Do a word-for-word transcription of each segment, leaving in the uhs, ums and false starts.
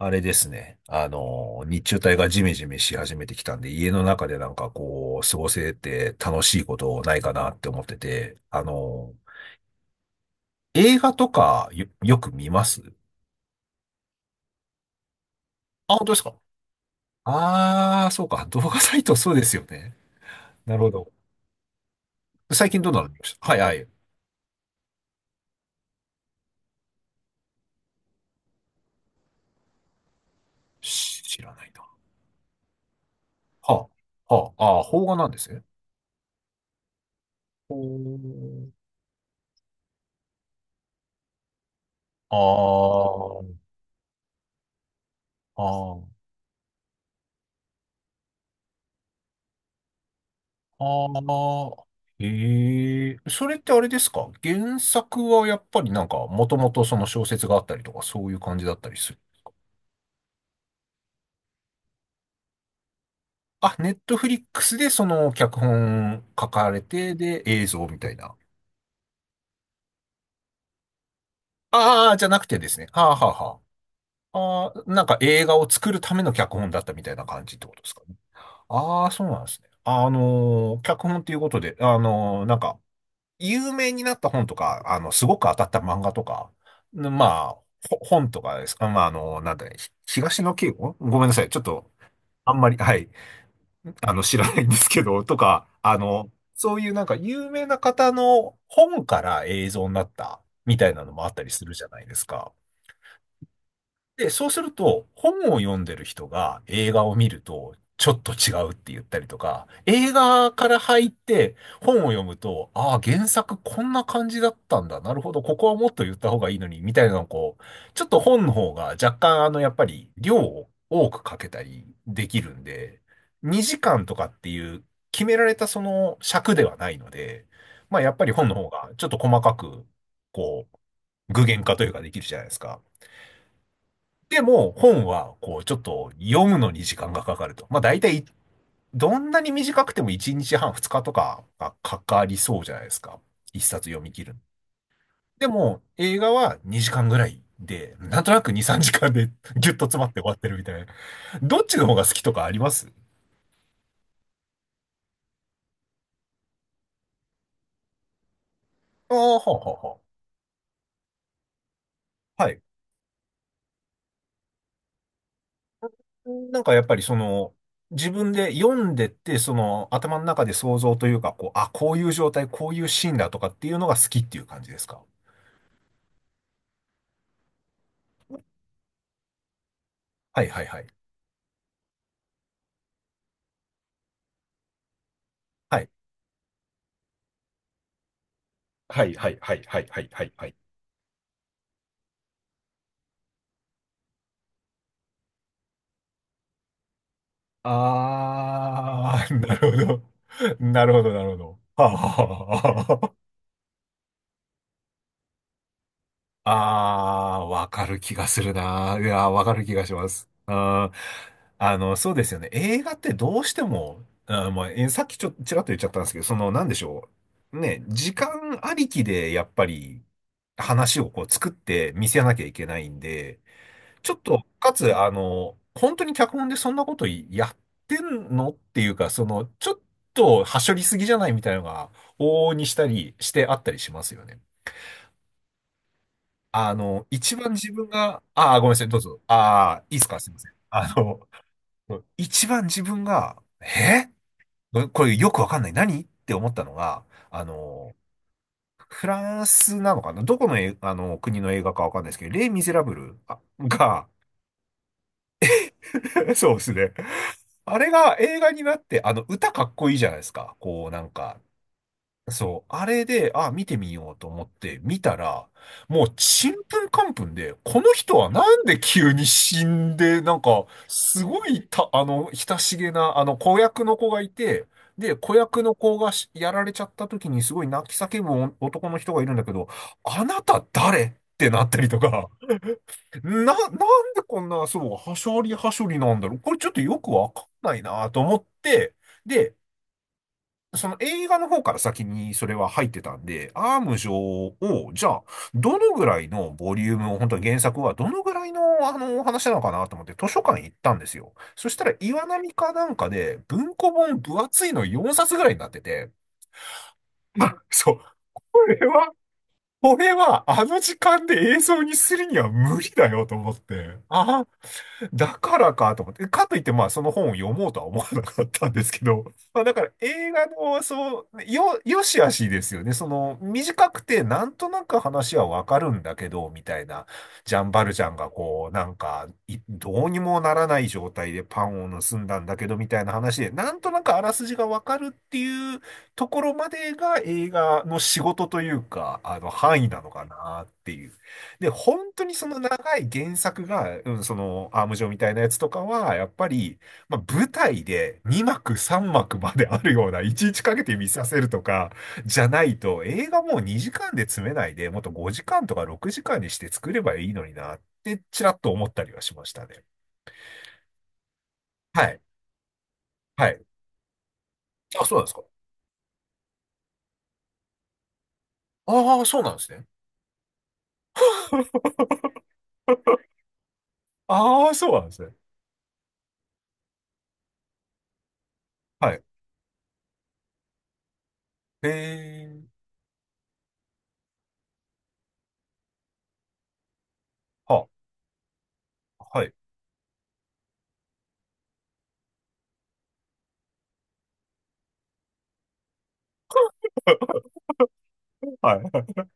あれですね。あの、日中帯がジメジメし始めてきたんで、家の中でなんかこう、過ごせて楽しいことないかなって思ってて、あの、映画とかよ、よく見ます。あ、本当ですか？ああー、そうか。動画サイトそうですよね。なるほど。最近どうなの見ましたはいはい。し知らないな。はあ、はあ、ああ、邦画なんですね。ほう。ああ、ああ。ああ、ええ、それってあれですか？原作はやっぱりなんか、もともとその小説があったりとか、そういう感じだったりする？あ、ネットフリックスでその脚本書かれて、で、映像みたいな。ああ、じゃなくてですね。はあ、はあ、はあ。ああ、なんか映画を作るための脚本だったみたいな感じってことですかね。ああ、そうなんですね。あのー脚本っていうことで、あのーなんか、有名になった本とか、あの、すごく当たった漫画とか、んまあ、ほ本とかですか、まあ、あの、なんだね、ひ東野圭吾、ごめんなさい。ちょっと、あんまり、はい、あの、知らないんですけど、とか、あの、そういうなんか有名な方の本から映像になったみたいなのもあったりするじゃないですか。で、そうすると、本を読んでる人が映画を見ると、ちょっと違うって言ったりとか、映画から入って本を読むと、ああ、原作こんな感じだったんだ、なるほど、ここはもっと言った方がいいのに、みたいなのをこう、ちょっと本の方が若干、あの、やっぱり量を多くかけたりできるんで、にじかんとかっていう決められたその尺ではないので、まあやっぱり本の方がちょっと細かく、こう、具現化というかできるじゃないですか。でも、本は、こう、ちょっと読むのに時間がかかると。まあ、大体い、どんなに短くてもいちにちはん、ふつかとかがかかりそうじゃないですか。一冊読み切るの。でも、映画はにじかんぐらいで、なんとなくに、さんじかんで ギュッと詰まって終わってるみたいな。どっちの方が好きとかあります？ああ、はあ、はあ、はあ。はい。なんかやっぱりその、自分で読んでって、その頭の中で想像というか、こう、あ、こういう状態、こういうシーンだとかっていうのが好きっていう感じですか？はいはいはい。はいはいはいはいはいはいはいはい。あー、なるほど。なるほど、なるほど。はあはあは。ああー、わかる気がするな。いやー、わかる気がします。あー、あの、そうですよね。映画ってどうしても、あー、まあ、えさっきちょ、ちらっと言っちゃったんですけど、その、なんでしょう。ね、時間ありきで、やっぱり、話をこう作って見せなきゃいけないんで、ちょっと、かつ、あの、本当に脚本でそんなことやってんのっていうか、その、ちょっと、はしょりすぎじゃないみたいなのが、往々にしたりしてあったりしますよね。あの、一番自分が、ああ、ごめんなさい、どうぞ。ああ、いいですか、すいません。あの、一番自分が、えこれよくわかんない、何って思ったのが、あの、フランスなのかな、どこの、えあの国の映画かわかんないですけど、レイ・ミゼラブルあが、そうですね。あれが映画になって、あの、歌かっこいいじゃないですか。こう、なんか、そう、あれで、あ、見てみようと思って見たら、もう、ちんぷんかんぷんで、この人はなんで急に死んで、なんか、すごい、た、あの、親しげな、あの、子役の子がいて、で、子役の子がしやられちゃった時にすごい泣き叫ぶお男の人がいるんだけど、あなた誰ってなったりとか、な、なんでこんな、そう、はしょりはしょりなんだろう、これちょっとよくわかんないなと思って、で、その映画の方から先にそれは入ってたんで、アーム上を、じゃあ、どのぐらいのボリュームを、本当に原作はどのぐらいの、あの、お話なのかなと思って図書館行ったんですよ。そしたら岩波かなんかで文庫本分厚いのよんさつぐらいになってて、あ、そう、これは、これは、あの時間で映像にするには無理だよと思って。あ だからかと思って、かといって、まあ、その本を読もうとは思わなかったんですけど、まあ、だから映画の、そう、よ、よしあしですよね。その、短くて、なんとなく話はわかるんだけど、みたいな、ジャンバルジャンがこう、なんか、いどうにもならない状態でパンを盗んだんだけど、みたいな話で、なんとなくあらすじがわかるっていうところまでが映画の仕事というか、あの、範囲なのかなっていう。で、本当にその長い原作が、うん、その、アーム状みたいなやつとかは、やっぱり、まあ、舞台でに幕さん幕まであるような、いちいちかけて見させるとか、じゃないと、映画もうにじかんで詰めないで、もっとごじかんとかろくじかんにして作ればいいのにな、ってちらっと思ったりはしましたね。はい。はい。あ、そうなんですか。ああ、そうなんですね。ああ、そうなんですね。はい。へえー。は、はい。はい。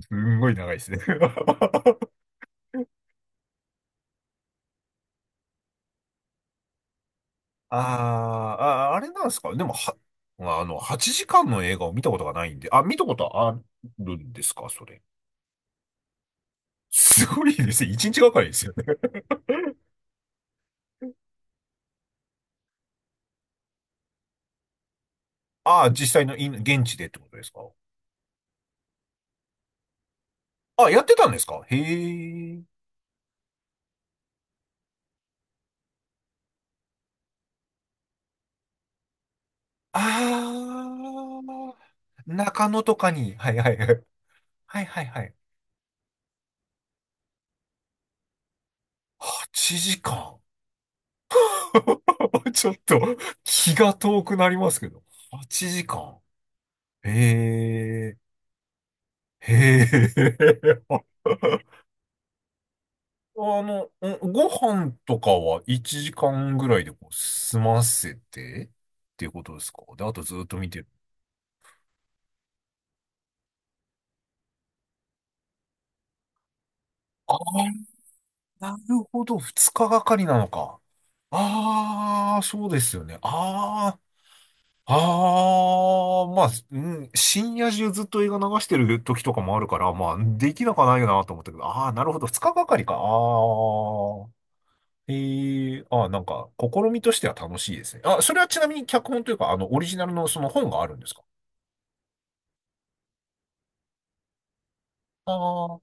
すんごい長いですね。あーあ、あれなんですかでも、は、まあの、はちじかんの映画を見たことがないんで、あ、見たことあるんですかそれ。すごいですね。いちにちがかりですよね。ああ、実際のイン現地でってことですか？あ、やってたんですか？へえ。ああ、中野とかに。はいはいはい。はいはいはい。はちじかん。ちょっと気が遠くなりますけど。はちじかん。へえ、へえ。あの、んご飯とかはいちじかんぐらいでこう済ませてっていうことですか？で、あとずっと見てる。ああ、なるほど。ふつかがかりなのか。ああ、そうですよね。ああ、ああ、まあ、うん、深夜中ずっと映画流してる時とかもあるから、まあ、できなくはないよなと思ったけど、ああ、なるほど。ふつかがかりか。ああ。ええ、あ、なんか、試みとしては楽しいですね。あ、それはちなみに脚本というか、あの、オリジナルのその本があるんですか？ああー、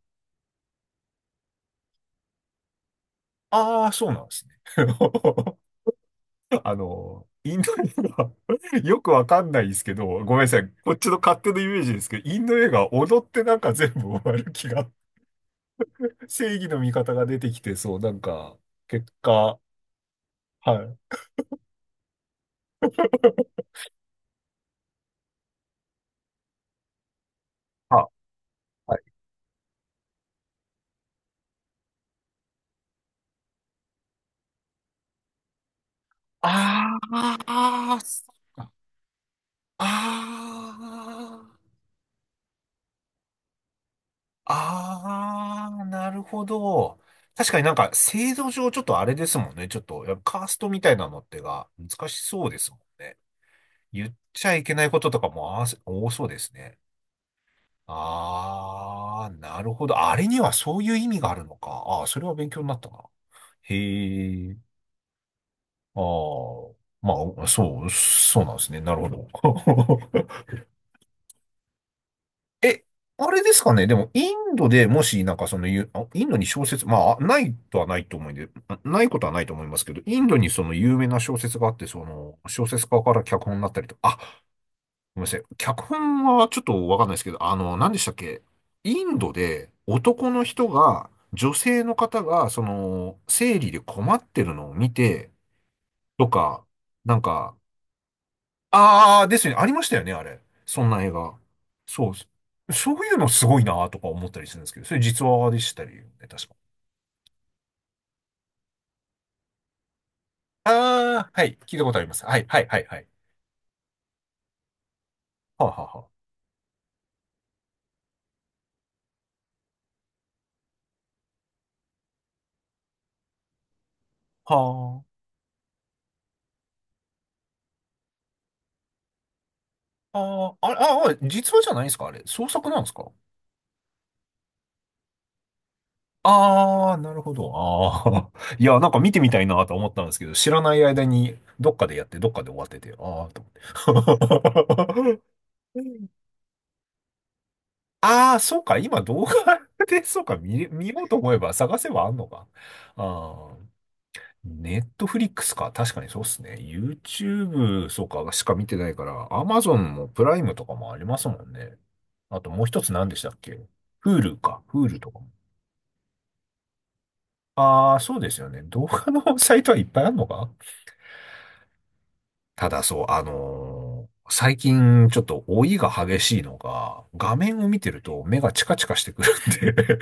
ああ、そうなんですね。あの、インド映画 よくわかんないですけど、ごめんなさい。こっちの勝手なイメージですけど、インド映画、踊ってなんか全部終わる気が、正義の味方が出てきて、そう、なんか、結果、はい。あ、はい。ああ、ああ、そっか。ああ。あー、なるほど。確かになんか制度上ちょっとあれですもんね。ちょっと、やっぱカーストみたいなのってが難しそうですもんね。言っちゃいけないこととかもあー多そうですね。あー、なるほど。あれにはそういう意味があるのか。あー、それは勉強になったな。へー。あー。まあ、そう、そうなんですね。なるほど。え、あれですかね。でも、インドでもし、なんかそのゆ、あインドに小説、まあ、ないとはないと思うんで、あないことはないと思いますけど、インドにその有名な小説があって、その、小説家から脚本になったりとあ、ごめんなさい。脚本はちょっとわかんないですけど、あの、何でしたっけ。インドで男の人が、女性の方が、その、生理で困ってるのを見て、とか、なんか、ああ、ですよね。ありましたよね、あれ。そんな映画。そうです。そういうのすごいなとか思ったりするんですけど、それ実話でしたりね、確か。ああ、はい。聞いたことあります。はい、はい、はい、はい。はあ、はあ、はあ。はあ、ああれ、ああ、実話じゃないんですかあれ。創作なんですか。ああー、なるほど。ああ。いや、なんか見てみたいなと思ったんですけど、知らない間にどっかでやって、どっかで終わってて、ああ、と思って。ああ、そうか、今動画で、そうか、見れ、見ようと思えば探せばあんのか。ああ、ネットフリックスか。確かにそうっすね。ユーチューブ、そうか、しか見てないから、アマゾン もプライムとかもありますもんね。あともう一つ何でしたっけ ?Hulu か。フールー とかも。ああ、そうですよね。動画のサイトはいっぱいあるのか。ただそう、あのー、最近ちょっと老いが激しいのが、画面を見てると目がチカチカしてくるんで、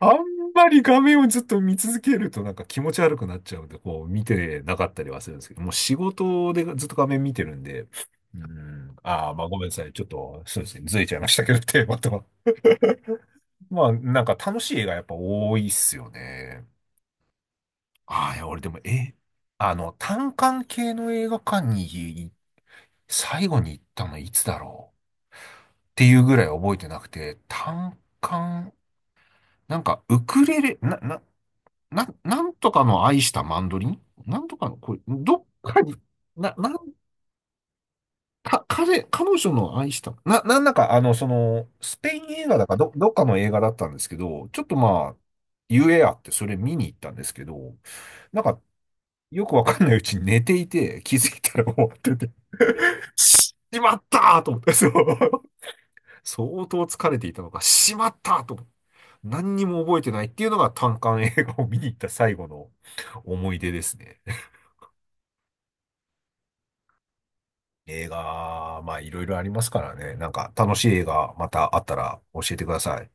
あんまり画面をずっと見続けるとなんか気持ち悪くなっちゃうんで、こう見てなかったりはするんですけど、もう仕事でずっと画面見てるんで、うん、ああ、まあごめんなさい。ちょっと、そうですね。ずれちゃいましたけど、テーマとは。まあ、なんか楽しい映画やっぱ多いっすよね。ああ、いや、俺でも、え、あの、単館系の映画館に最後に行ったのいつだろうっていうぐらい覚えてなくて、単館、なんかウクレレ、な、な、な、なんとかの愛したマンドリン、なんとかの、これ、どっかに、な、なん、か、彼、彼女の愛した、な、なんだか、あの、その、スペイン映画だか、ど、どっかの映画だったんですけど、ちょっとまあ、ゆえあって、それ見に行ったんですけど、なんか、よくわかんないうちに寝ていて、気づいたら終わってて、しまったーと思って、そう。相当疲れていたのか、しまったーと思って、何にも覚えてないっていうのが、単館映画を見に行った最後の思い出ですね。映画、まあいろいろありますからね。なんか楽しい映画またあったら教えてください。